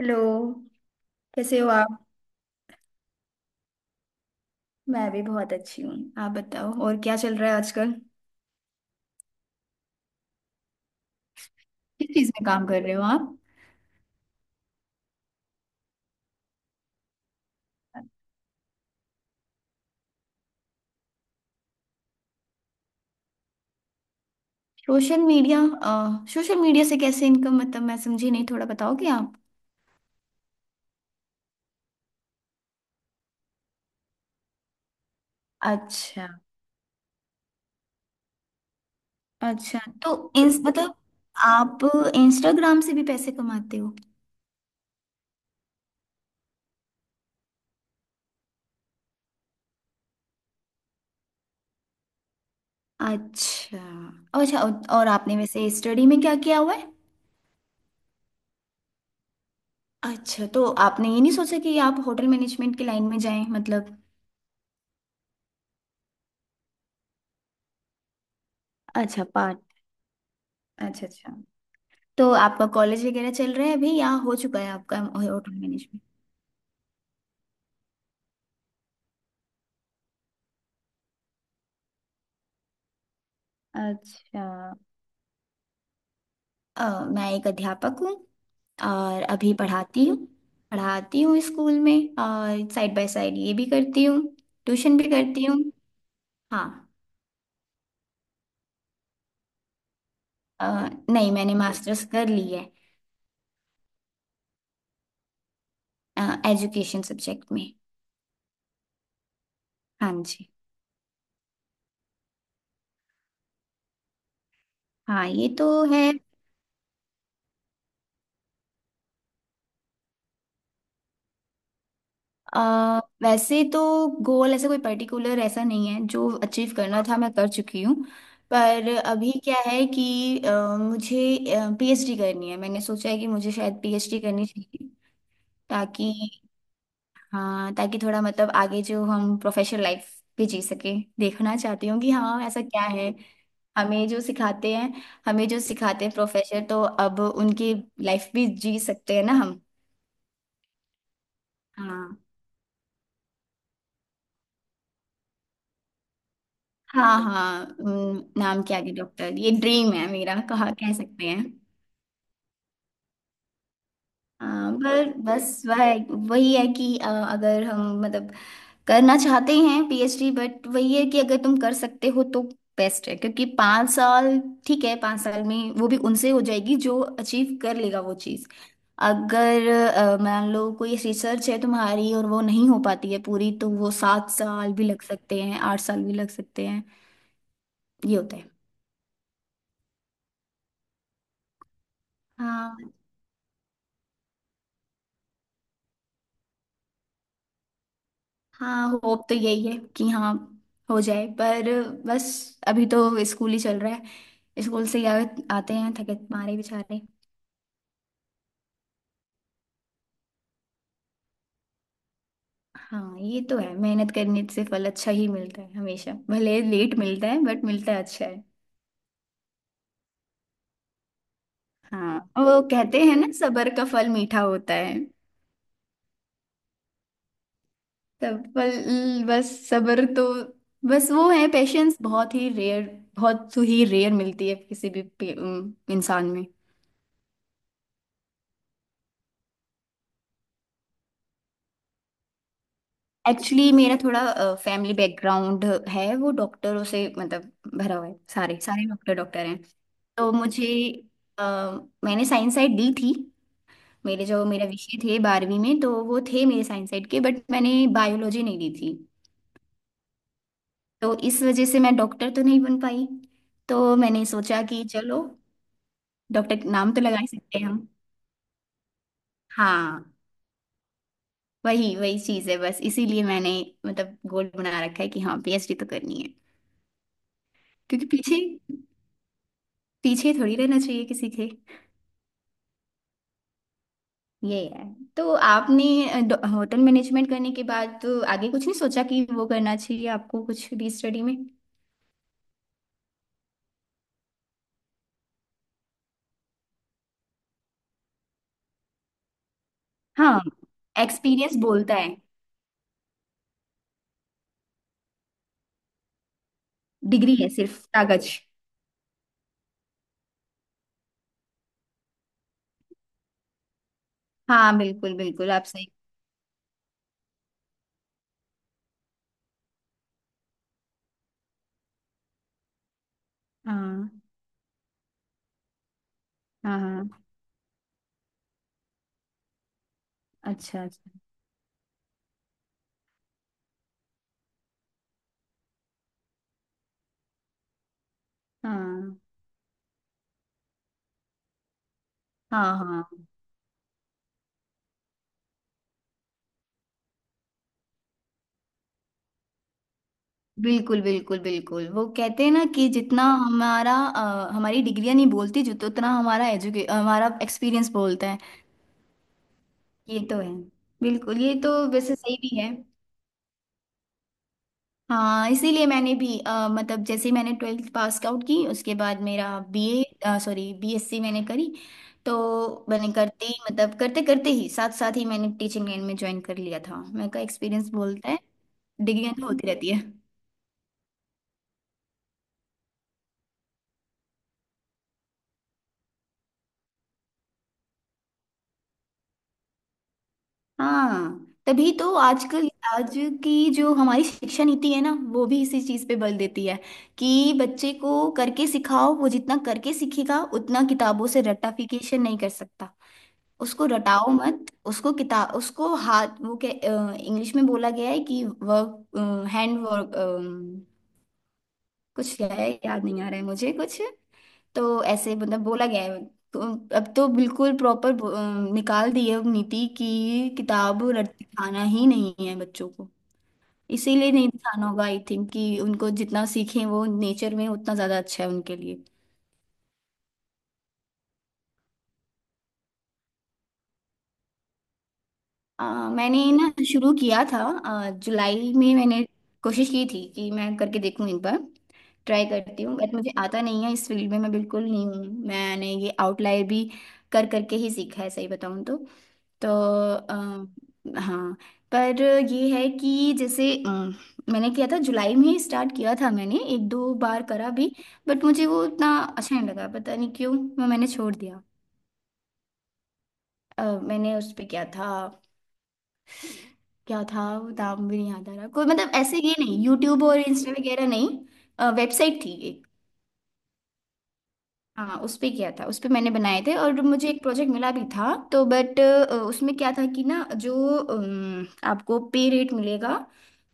Hello. कैसे हो आप? मैं भी बहुत अच्छी हूँ, आप बताओ और क्या चल रहा है आजकल? किस चीज़ में काम कर रहे हो आप? सोशल मीडिया से कैसे इनकम, मतलब मैं समझी नहीं, थोड़ा बताओगे आप? अच्छा। अच्छा। तो इंस मतलब आप इंस्टाग्राम से भी पैसे कमाते हो? अच्छा। अच्छा। और आपने वैसे स्टडी में क्या किया हुआ है? अच्छा, तो आपने ये नहीं सोचा कि आप होटल मैनेजमेंट की लाइन में जाएं, मतलब? अच्छा पार्ट। अच्छा। अच्छा। तो आपका कॉलेज वगैरह चल रहा है अभी या हो चुका है आपका होटल मैनेजमेंट? अच्छा। मैं एक अध्यापक हूँ। और अभी पढ़ाती हूँ। पढ़ाती हूँ स्कूल में और साइड बाय साइड ये भी करती हूँ। ट्यूशन भी करती हूँ। हाँ। अ, नहीं, मैंने मास्टर्स कर ली है। एजुकेशन सब्जेक्ट में। हाँ जी। हाँ ये तो है। अ, वैसे तो गोल ऐसा कोई पर्टिकुलर ऐसा नहीं है, जो अचीव करना था मैं कर चुकी हूँ। पर अभी क्या है कि मुझे पीएचडी करनी है, मैंने सोचा है कि मुझे शायद पीएचडी करनी चाहिए। ताकि, हाँ, ताकि थोड़ा मतलब आगे जो हम प्रोफेशनल लाइफ भी जी सके। देखना चाहती हूँ कि हाँ ऐसा क्या है। हमें जो सिखाते हैं प्रोफेसर, तो अब उनकी लाइफ भी जी सकते हैं ना हम। हाँ। हाँ। हाँ, नाम के आगे डॉक्टर, ये ड्रीम है मेरा कहा कह सकते हैं। हाँ, पर बस वह वही है कि अगर हम मतलब करना चाहते हैं पीएचडी, बट वही है कि अगर तुम कर सकते हो तो बेस्ट है, क्योंकि 5 साल। ठीक है, 5 साल में वो भी उनसे हो जाएगी जो अचीव कर लेगा वो चीज़। अगर मान लो कोई रिसर्च है तुम्हारी और वो नहीं हो पाती है पूरी, तो वो 7 साल भी लग सकते हैं, 8 साल भी लग सकते हैं। ये होता है। हाँ। हाँ, होप तो यही है कि हाँ हो जाए, पर बस। अभी तो स्कूल ही चल रहा है। स्कूल से ही आते हैं थके मारे बेचारे। हाँ ये तो है, मेहनत करने से फल अच्छा ही मिलता है हमेशा, भले लेट मिलता है बट मिलता है अच्छा है। हाँ, वो कहते हैं ना, सबर का फल मीठा होता है। सब फल, बस सबर तो, बस वो है, पेशेंस बहुत ही रेयर। बहुत ही रेयर मिलती है किसी भी इंसान में। एक्चुअली मेरा थोड़ा फैमिली बैकग्राउंड है वो डॉक्टरों से मतलब भरा हुआ है। सारे सारे डॉक्टर डॉक्टर हैं। तो मुझे, अ, मैंने साइंस साइड ली थी। मेरे जो मेरा विषय थे 12वीं में, तो वो थे मेरे साइंस साइड के, बट मैंने बायोलॉजी नहीं ली थी। तो इस वजह से मैं डॉक्टर तो नहीं बन पाई। तो मैंने सोचा कि चलो डॉक्टर नाम तो लगा ही सकते हैं हम। हाँ, वही वही चीज़ है। बस इसीलिए मैंने मतलब गोल बना रखा है कि हाँ पीएचडी तो करनी है। क्योंकि पीछे पीछे थोड़ी रहना चाहिए किसी के। ये है। तो आपने होटल मैनेजमेंट करने के बाद तो आगे कुछ नहीं सोचा कि वो करना चाहिए आपको कुछ भी स्टडी में? हाँ, एक्सपीरियंस बोलता है। डिग्री है सिर्फ, कागज। हाँ बिल्कुल बिल्कुल, आप सही। हाँ। हाँ। हाँ। अच्छा। अच्छा। हाँ। हाँ। हाँ। बिल्कुल बिल्कुल बिल्कुल, वो कहते हैं ना कि जितना हमारी डिग्रियां नहीं बोलती जो, तो उतना हमारा एक्सपीरियंस बोलता है। ये तो है। बिल्कुल, ये तो वैसे सही भी है। हाँ, इसीलिए मैंने भी मतलब जैसे ही मैंने ट्वेल्थ पास आउट की, उसके बाद मेरा बीए सॉरी बीएससी मैंने करी। तो मैंने करते ही, मतलब करते करते ही, साथ साथ ही मैंने टीचिंग लाइन में ज्वाइन कर लिया था, मेरे का एक्सपीरियंस बोलता है। डिग्रियां तो होती रहती है। हाँ तभी तो आजकल। आज की जो हमारी शिक्षा नीति है ना, वो भी इसी चीज़ पे बल देती है कि बच्चे को करके सिखाओ, वो जितना करके सीखेगा उतना किताबों से रट्टाफिकेशन नहीं कर सकता। उसको रटाओ मत, उसको किताब उसको हाथ, वो के इंग्लिश में बोला गया है कि वर्क, हैंड वर्क। कुछ क्या है, याद नहीं आ रहा है मुझे कुछ। तो ऐसे मतलब बोला गया है। तो अब तो बिल्कुल प्रॉपर निकाल दी है अब नीति कि किताब रट दिखाना ही नहीं है बच्चों को। इसीलिए नहीं दिखाना होगा आई थिंक, कि उनको जितना सीखें वो नेचर में उतना ज़्यादा अच्छा है उनके लिए। अ, मैंने ना शुरू किया था जुलाई में, मैंने कोशिश की थी कि मैं करके देखूं एक बार। ट्राई करती हूँ, बट मुझे आता नहीं है, इस फील्ड में मैं बिल्कुल नहीं हूँ। मैंने ये आउटलायर भी कर करके ही सीखा है, सही बताऊँ तो। तो हाँ, पर ये है कि जैसे मैंने किया था, जुलाई में ही स्टार्ट किया था, मैंने एक दो बार करा भी, बट मुझे वो उतना अच्छा नहीं लगा, पता नहीं क्यों, मैंने छोड़ दिया। अ, मैंने उस पे क्या था, क्या था वो, नाम भी नहीं याद आ रहा कोई, मतलब ऐसे ये नहीं यूट्यूब और इंस्टा वगैरह, नहीं वेबसाइट थी। हाँ उस पे किया था, उस पे मैंने बनाए थे और मुझे एक प्रोजेक्ट मिला भी था तो, बट उसमें क्या था कि ना, जो आपको पे रेट मिलेगा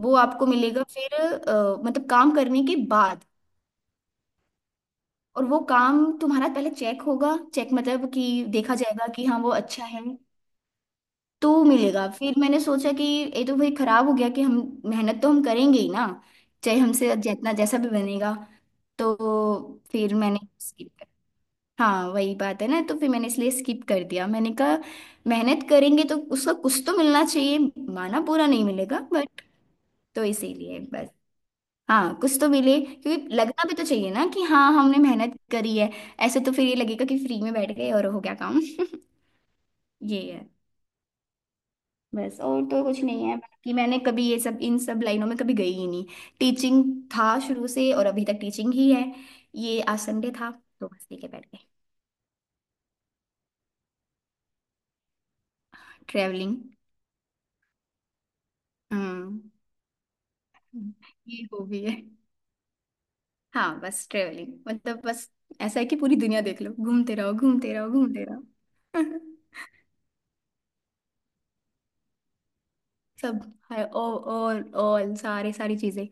वो आपको मिलेगा फिर मतलब काम करने के बाद। और वो काम तुम्हारा पहले चेक होगा, चेक मतलब कि देखा जाएगा कि हाँ वो अच्छा है, तो मिलेगा। फिर मैंने सोचा कि ये तो भाई खराब हो गया कि हम मेहनत तो हम करेंगे ही ना, चाहे हमसे जितना जैसा भी बनेगा, तो फिर मैंने skip। हाँ, वही बात है ना, तो फिर मैंने इसलिए स्किप कर दिया। मैंने कहा मेहनत करेंगे तो उसका कुछ तो मिलना चाहिए, माना पूरा नहीं मिलेगा बट। तो इसीलिए बस। हाँ, कुछ तो मिले, क्योंकि लगना भी तो चाहिए ना कि हाँ हमने मेहनत करी है। ऐसे तो फिर ये लगेगा कि फ्री में बैठ गए और हो गया काम। ये है। बस, और तो कुछ नहीं है बाकी, मैंने कभी ये सब इन सब लाइनों में कभी गई ही नहीं। टीचिंग था शुरू से और अभी तक टीचिंग ही है। ये आज संडे था तो बस लेके बैठ गए। ट्रेवलिंग। हम्म। ये हॉबी है। हाँ, बस ट्रेवलिंग, मतलब बस ऐसा है कि पूरी दुनिया देख लो, घूमते रहो घूमते रहो घूमते रहो। सब, हर और ऑल, सारे सारी चीजें।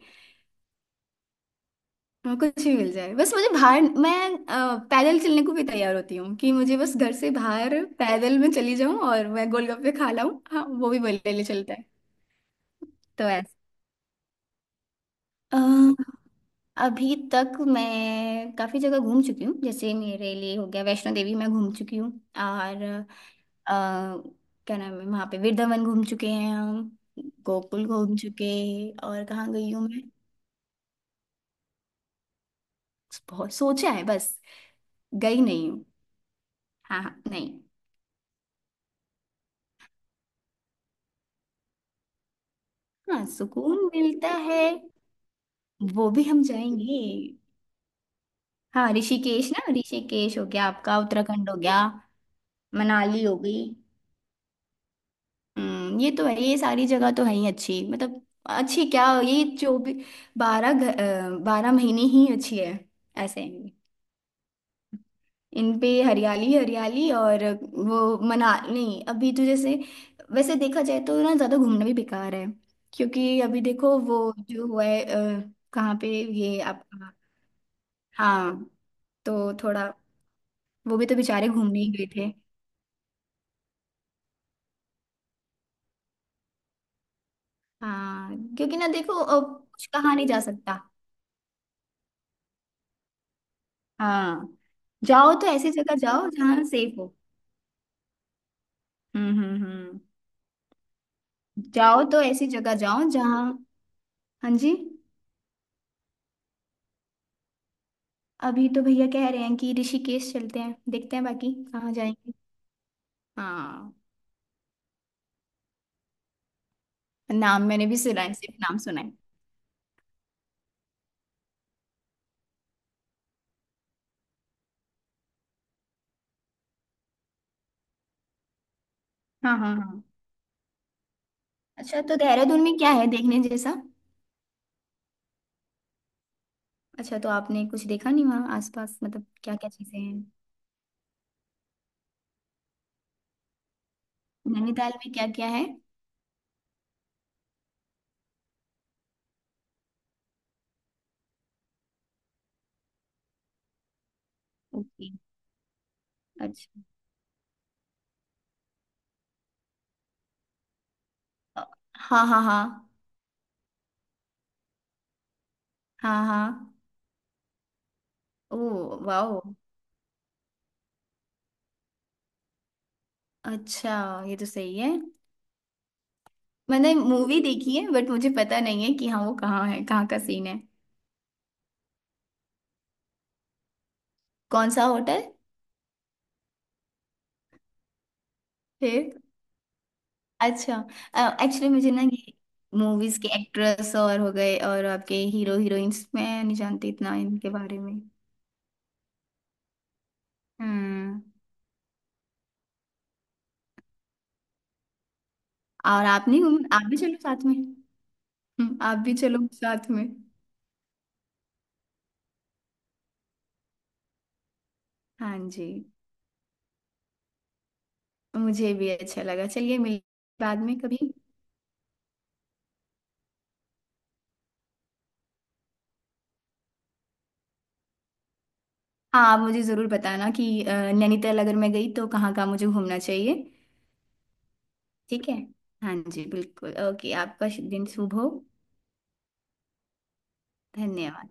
हाँ, कुछ भी मिल जाए, बस मुझे बाहर, मैं पैदल चलने को भी तैयार होती हूँ कि मुझे बस घर से बाहर पैदल में चली जाऊं और मैं गोलगप्पे खा लाऊं, हाँ वो भी मेरे लिए चलता है। तो ऐसा, अ, अभी तक मैं काफी जगह घूम चुकी हूँ। जैसे मेरे लिए हो गया वैष्णो देवी, मैं घूम चुकी हूँ। और अ, क्या नाम है वहाँ पे, वृंदावन घूम चुके हैं हम। गोकुल घूम चुके। और कहाँ गई हूँ मैं? बहुत सोचा है, बस। गई नहीं हूँ। हाँ हाँ, नहीं। हाँ, सुकून मिलता है। वो भी हम जाएंगे। हाँ, ऋषिकेश ना, ऋषिकेश हो गया आपका, उत्तराखंड हो गया। मनाली हो गई। हम्म। ये तो है, ये सारी जगह तो है ही अच्छी, मतलब अच्छी क्या, ये जो भी बारह घ- 12 महीने ही अच्छी है ऐसे। इन पे हरियाली हरियाली और, वो मना नहीं अभी तो जैसे। वैसे देखा जाए तो ना ज्यादा घूमना भी बेकार है, क्योंकि अभी देखो वो जो हुआ है, कहाँ पे ये आपका। हाँ, तो थोड़ा, वो भी तो बेचारे घूमने ही गए थे। हाँ, क्योंकि ना देखो कुछ कहाँ नहीं जा सकता। हाँ, जाओ तो ऐसी जगह जाओ जहाँ सेफ हो। हम्म। हम्म। हम्म। जाओ तो ऐसी जगह जाओ जहाँ। हाँ जी। अभी तो भैया कह रहे हैं कि ऋषिकेश चलते हैं, देखते हैं बाकी कहाँ जाएंगे। हाँ, नाम मैंने भी सुना है, सिर्फ नाम सुना है। हाँ। हाँ। हाँ। अच्छा, तो देहरादून में क्या है देखने जैसा? अच्छा, तो आपने कुछ देखा नहीं वहाँ आसपास, मतलब क्या क्या चीजें हैं? नैनीताल में क्या क्या है? ओके। अच्छा। अ, हाँ। हाँ। हाँ। हाँ। हाँ। ओ। वाओ। अच्छा। ये तो सही है। मैंने मूवी देखी है, बट मुझे पता नहीं है कि हाँ वो कहाँ है, कहाँ का सीन है। कौन सा होटल है। अच्छा। एक्चुअली मुझे ना ये मूवीज के एक्ट्रेस और हो गए और आपके हीरो हीरोइंस, मैं नहीं जानती इतना इनके बारे में। हम्म। और आप नहीं घूम आप भी चलो साथ में। आप भी चलो साथ में। हाँ जी। मुझे भी अच्छा लगा, चलिए मिल बाद में कभी। हाँ, आप मुझे जरूर बताना कि नैनीताल अगर मैं गई तो कहाँ कहाँ मुझे घूमना चाहिए। ठीक है। हाँ जी बिल्कुल, ओके, आपका दिन शुभ हो। धन्यवाद।